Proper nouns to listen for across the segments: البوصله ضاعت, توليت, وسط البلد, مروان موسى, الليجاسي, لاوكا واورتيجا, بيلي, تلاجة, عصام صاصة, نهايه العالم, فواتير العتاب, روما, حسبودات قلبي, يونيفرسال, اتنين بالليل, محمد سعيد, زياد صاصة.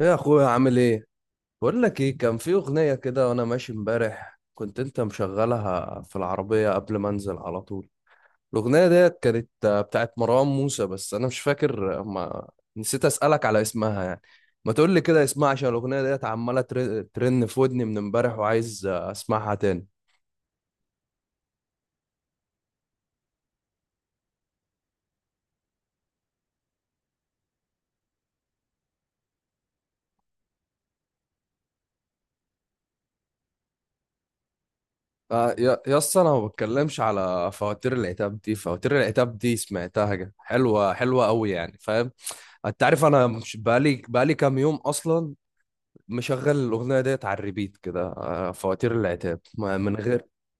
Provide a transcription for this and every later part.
يا اخويا عامل ايه؟ بقول لك ايه، كان في اغنيه كده وانا ماشي امبارح، كنت انت مشغلها في العربيه قبل ما انزل على طول. الاغنيه ديت كانت بتاعت مروان موسى، بس انا مش فاكر. آه، ما نسيت اسالك على اسمها يعني. ما تقول لي كده اسمها، عشان الاغنيه ديت عماله ترن في ودني من امبارح، وعايز اسمعها تاني. يا اسطى، انا ما بتكلمش على فواتير العتاب، دي فواتير العتاب دي سمعتها كده حلوه حلوه قوي يعني، فاهم؟ انت عارف انا مش بقالي كام يوم اصلا مشغل الاغنيه ديت على الريبيت كده. فواتير العتاب من غير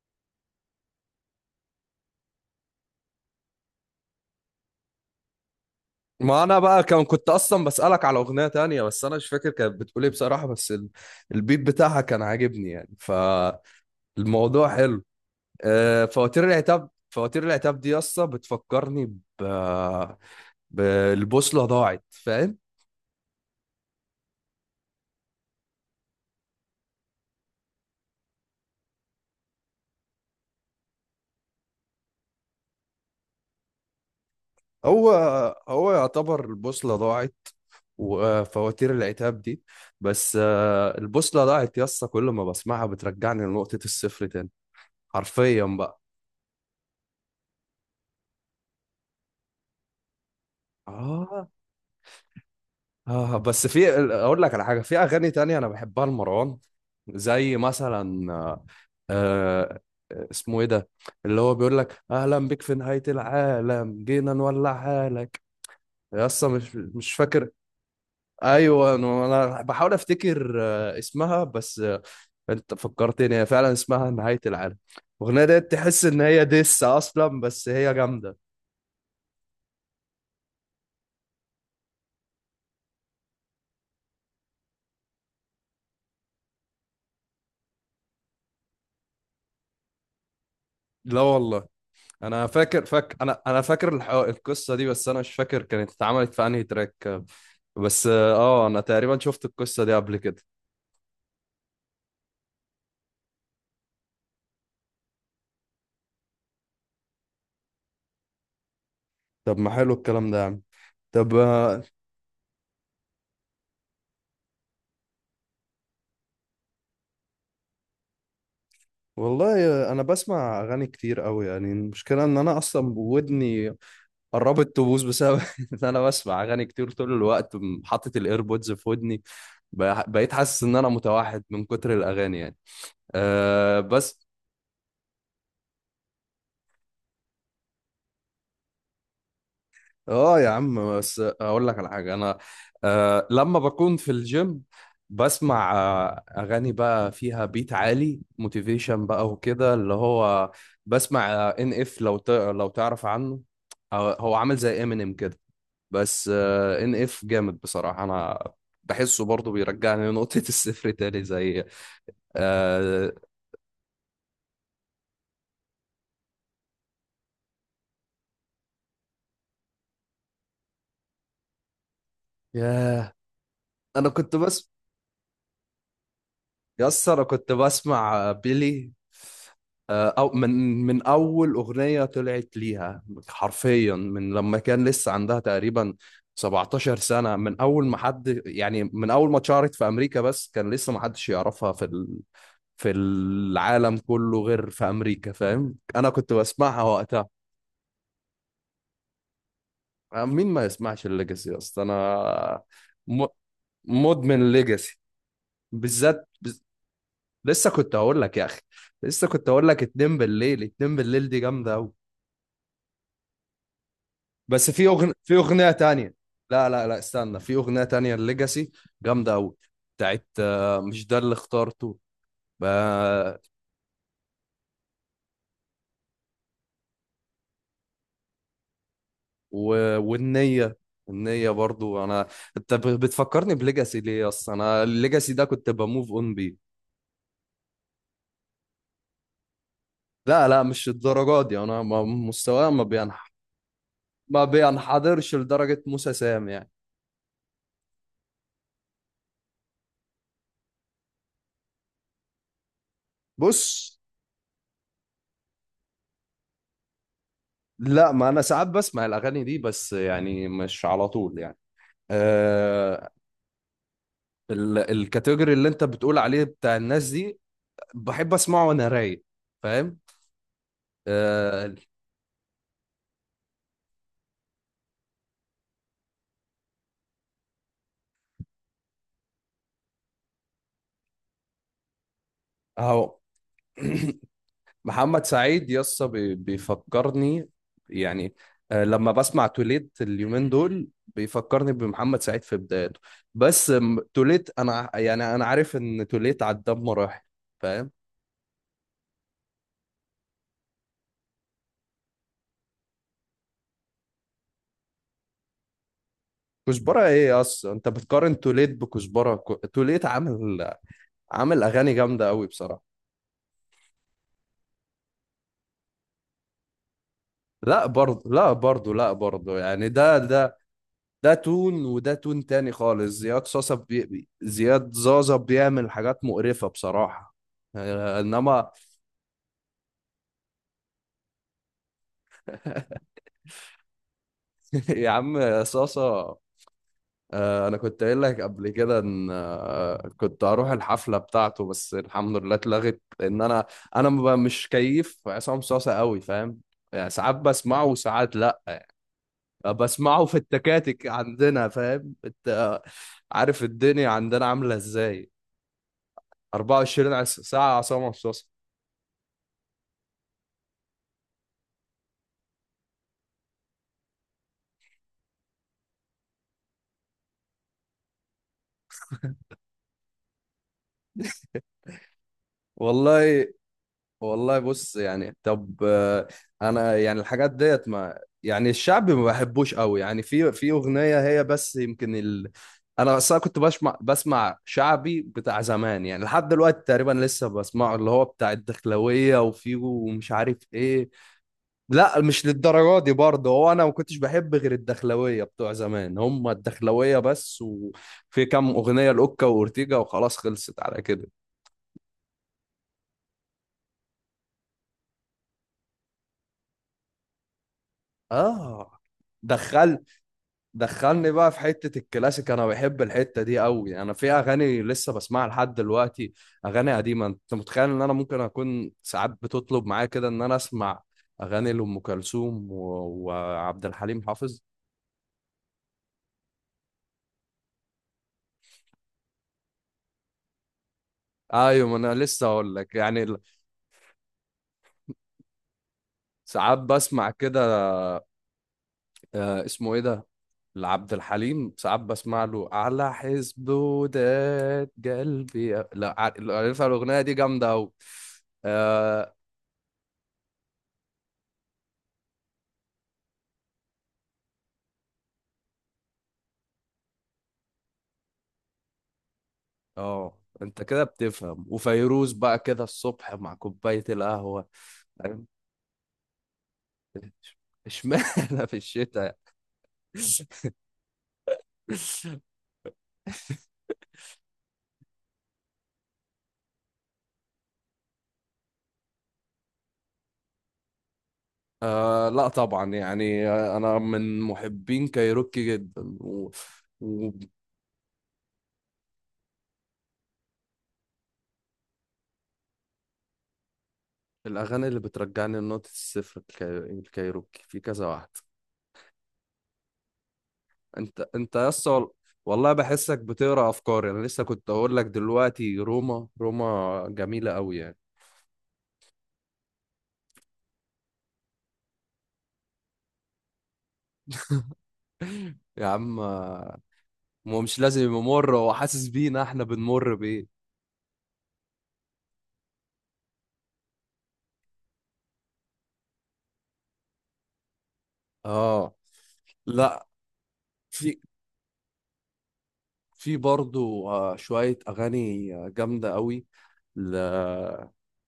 ما انا بقى كنت اصلا بسالك على اغنيه تانية، بس انا مش فاكر كانت بتقول ايه بصراحه، بس البيت بتاعها كان عاجبني يعني، فالموضوع حلو. فواتير العتاب، فواتير العتاب دي اصلا بتفكرني ب بالبوصله ضاعت، فاهم؟ هو هو يعتبر البوصله ضاعت وفواتير العتاب دي. بس البوصله ضاعت يا اسطى، كل ما بسمعها بترجعني لنقطه الصفر تاني، حرفيا بقى. اه. اه بس في، اقول لك على حاجه، في اغاني تانية انا بحبها لمروان، زي مثلا آه، اسمه ايه ده؟ اللي هو بيقول لك اهلا بك في نهايه العالم، جينا نولع حالك. يا اسطى مش فاكر. ايوه انا، بحاول افتكر اسمها بس. انت فكرتني، هي فعلا اسمها نهايه العالم. الاغنيه ديت تحس ان هي ديس اصلا، بس هي جامده. لا والله انا فاكر فاك انا انا فاكر القصه دي، بس انا مش فاكر كانت اتعملت في انهي تراك. بس اه انا تقريبا شفت القصه دي قبل كده. طب ما حلو الكلام ده يا عم. طب والله انا بسمع اغاني كتير قوي يعني، المشكله ان انا اصلا ودني قربت تبوظ بسبب ان انا بسمع اغاني كتير طول الوقت، حاطط الايربودز في ودني، بقيت حاسس ان انا متوحد من كتر الاغاني يعني. أه بس. اه يا عم بس اقول لك على حاجه، انا لما بكون في الجيم بسمع اغاني بقى فيها بيت عالي، موتيفيشن بقى، وكده اللي هو بسمع ان اف، لو تعرف عنه، هو عامل زي امينيم كده، بس ان اف جامد بصراحه. انا بحسه برضه بيرجعني لنقطه الصفر تاني، زي آه ياه. انا كنت بس، يس انا كنت بسمع بيلي او من اول اغنيه طلعت ليها، حرفيا من لما كان لسه عندها تقريبا 17 سنه، من اول ما حد يعني، من اول ما اتشهرت في امريكا، بس كان لسه ما حدش يعرفها في في العالم كله غير في امريكا، فاهم؟ انا كنت بسمعها وقتها. مين ما يسمعش الليجاسي اصلا؟ انا م... مدمن ليجاسي بالذات. لسه كنت هقول لك يا اخي، لسه كنت هقول لك اتنين بالليل، اتنين بالليل دي جامده قوي. بس في اغنيه، في اغنيه تانية، لا لا لا استنى، في اغنيه تانية الليجاسي جامده قوي، بتاعت مش ده اللي اخترته. آه، والنيه، النيه برضو انا، انت بتفكرني بليجاسي ليه؟ اصلا انا الليجاسي ده كنت بموف اون بيه. لا لا مش الدرجات دي، انا مستواي ما بينحدرش لدرجه موسى سام يعني. بص لا، ما انا ساعات بسمع الاغاني دي، بس يعني مش على طول يعني. آه الكاتيجوري اللي انت بتقول عليه بتاع الناس دي، بحب اسمعه وانا رايق، فاهم؟ آه. اهو. محمد سعيد يسطا بيفكرني يعني، لما بسمع توليت اليومين دول بيفكرني بمحمد سعيد في بدايته. بس توليت انا يعني، انا عارف ان توليت عدى بمراحل، فاهم؟ كزبرة ايه اصلا، انت بتقارن توليت بكزبرة؟ توليت عامل، عامل اغاني جامدة قوي بصراحة. لا برضه لا برضه لا برضه يعني، ده ده تون، وده تون تاني خالص. زياد صاصة زياد زازا بيعمل حاجات مقرفة بصراحة، انما يا عم صاصة، انا كنت قايل لك قبل كده ان كنت هروح الحفلة بتاعته، بس الحمد لله اتلغت، لان انا انا ما ب- مش كيف عصام صاصة قوي، فاهم؟ يعني ساعات بسمعه وساعات لا. بسمعه في التكاتك عندنا، فاهم؟ انت عارف الدنيا عندنا عامله ازاي، 24 ساعه عصام مصاصه. والله والله بص يعني، طب انا يعني الحاجات ديت، ما يعني الشعب ما بحبوش قوي يعني، في في اغنيه هي بس يمكن انا اصلا كنت بسمع شعبي بتاع زمان، يعني لحد دلوقتي تقريبا لسه بسمعه، اللي هو بتاع الدخلويه وفيه ومش عارف ايه. لا مش للدرجه دي برضه، هو انا ما كنتش بحب غير الدخلويه بتوع زمان، هم الدخلويه بس، وفي كام اغنيه لاوكا واورتيجا وخلاص خلصت على كده. اه دخل دخلني بقى في حته الكلاسيك، انا بحب الحته دي قوي، انا في اغاني لسه بسمعها لحد دلوقتي، اغاني قديمه. انت متخيل ان انا ممكن اكون ساعات بتطلب معايا كده ان انا اسمع اغاني لام كلثوم وعبد الحليم حافظ؟ ايوه ما انا لسه اقول لك يعني، ساعات بسمع كده. اسمه ايه ده، لعبد الحليم ساعات بسمع له على حسبودات قلبي، لا ع- لو عارفها الاغنيه دي جامده قوي. اه. اه انت كده بتفهم، وفيروز بقى كده الصبح مع كوبايه القهوه، فاهم؟ اشمعنى في الشتاء؟ لا طبعا يعني، انا من محبين كايروكي جدا والاغاني اللي بترجعني لنقطه الصفر، الكايروكي في كذا واحده. انت انت يا اسطى، والله بحسك بتقرا افكاري، انا لسه كنت اقول لك دلوقتي، روما روما جميله قوي يعني. يا عم مش لازم يبقى مر، هو حاسس بينا احنا بنمر بايه. اه لا، في في برضو شوية أغاني جامدة قوي. ل...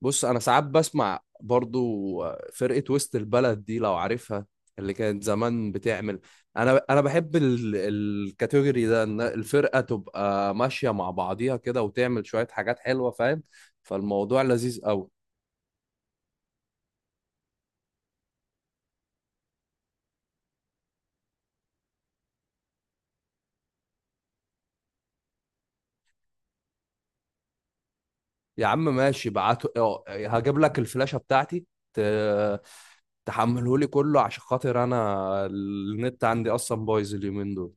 بص أنا ساعات بسمع برضو فرقة وسط البلد دي لو عارفها، اللي كانت زمان بتعمل. أنا بحب الكاتيجوري ده، إن الفرقة تبقى ماشية مع بعضيها كده وتعمل شوية حاجات حلوة، فاهم؟ فالموضوع لذيذ قوي. يا عم ماشي بعته، هجيب لك الفلاشة بتاعتي، ت... تحمله لي كله عشان خاطر أنا النت عندي أصلا بايظ اليومين دول.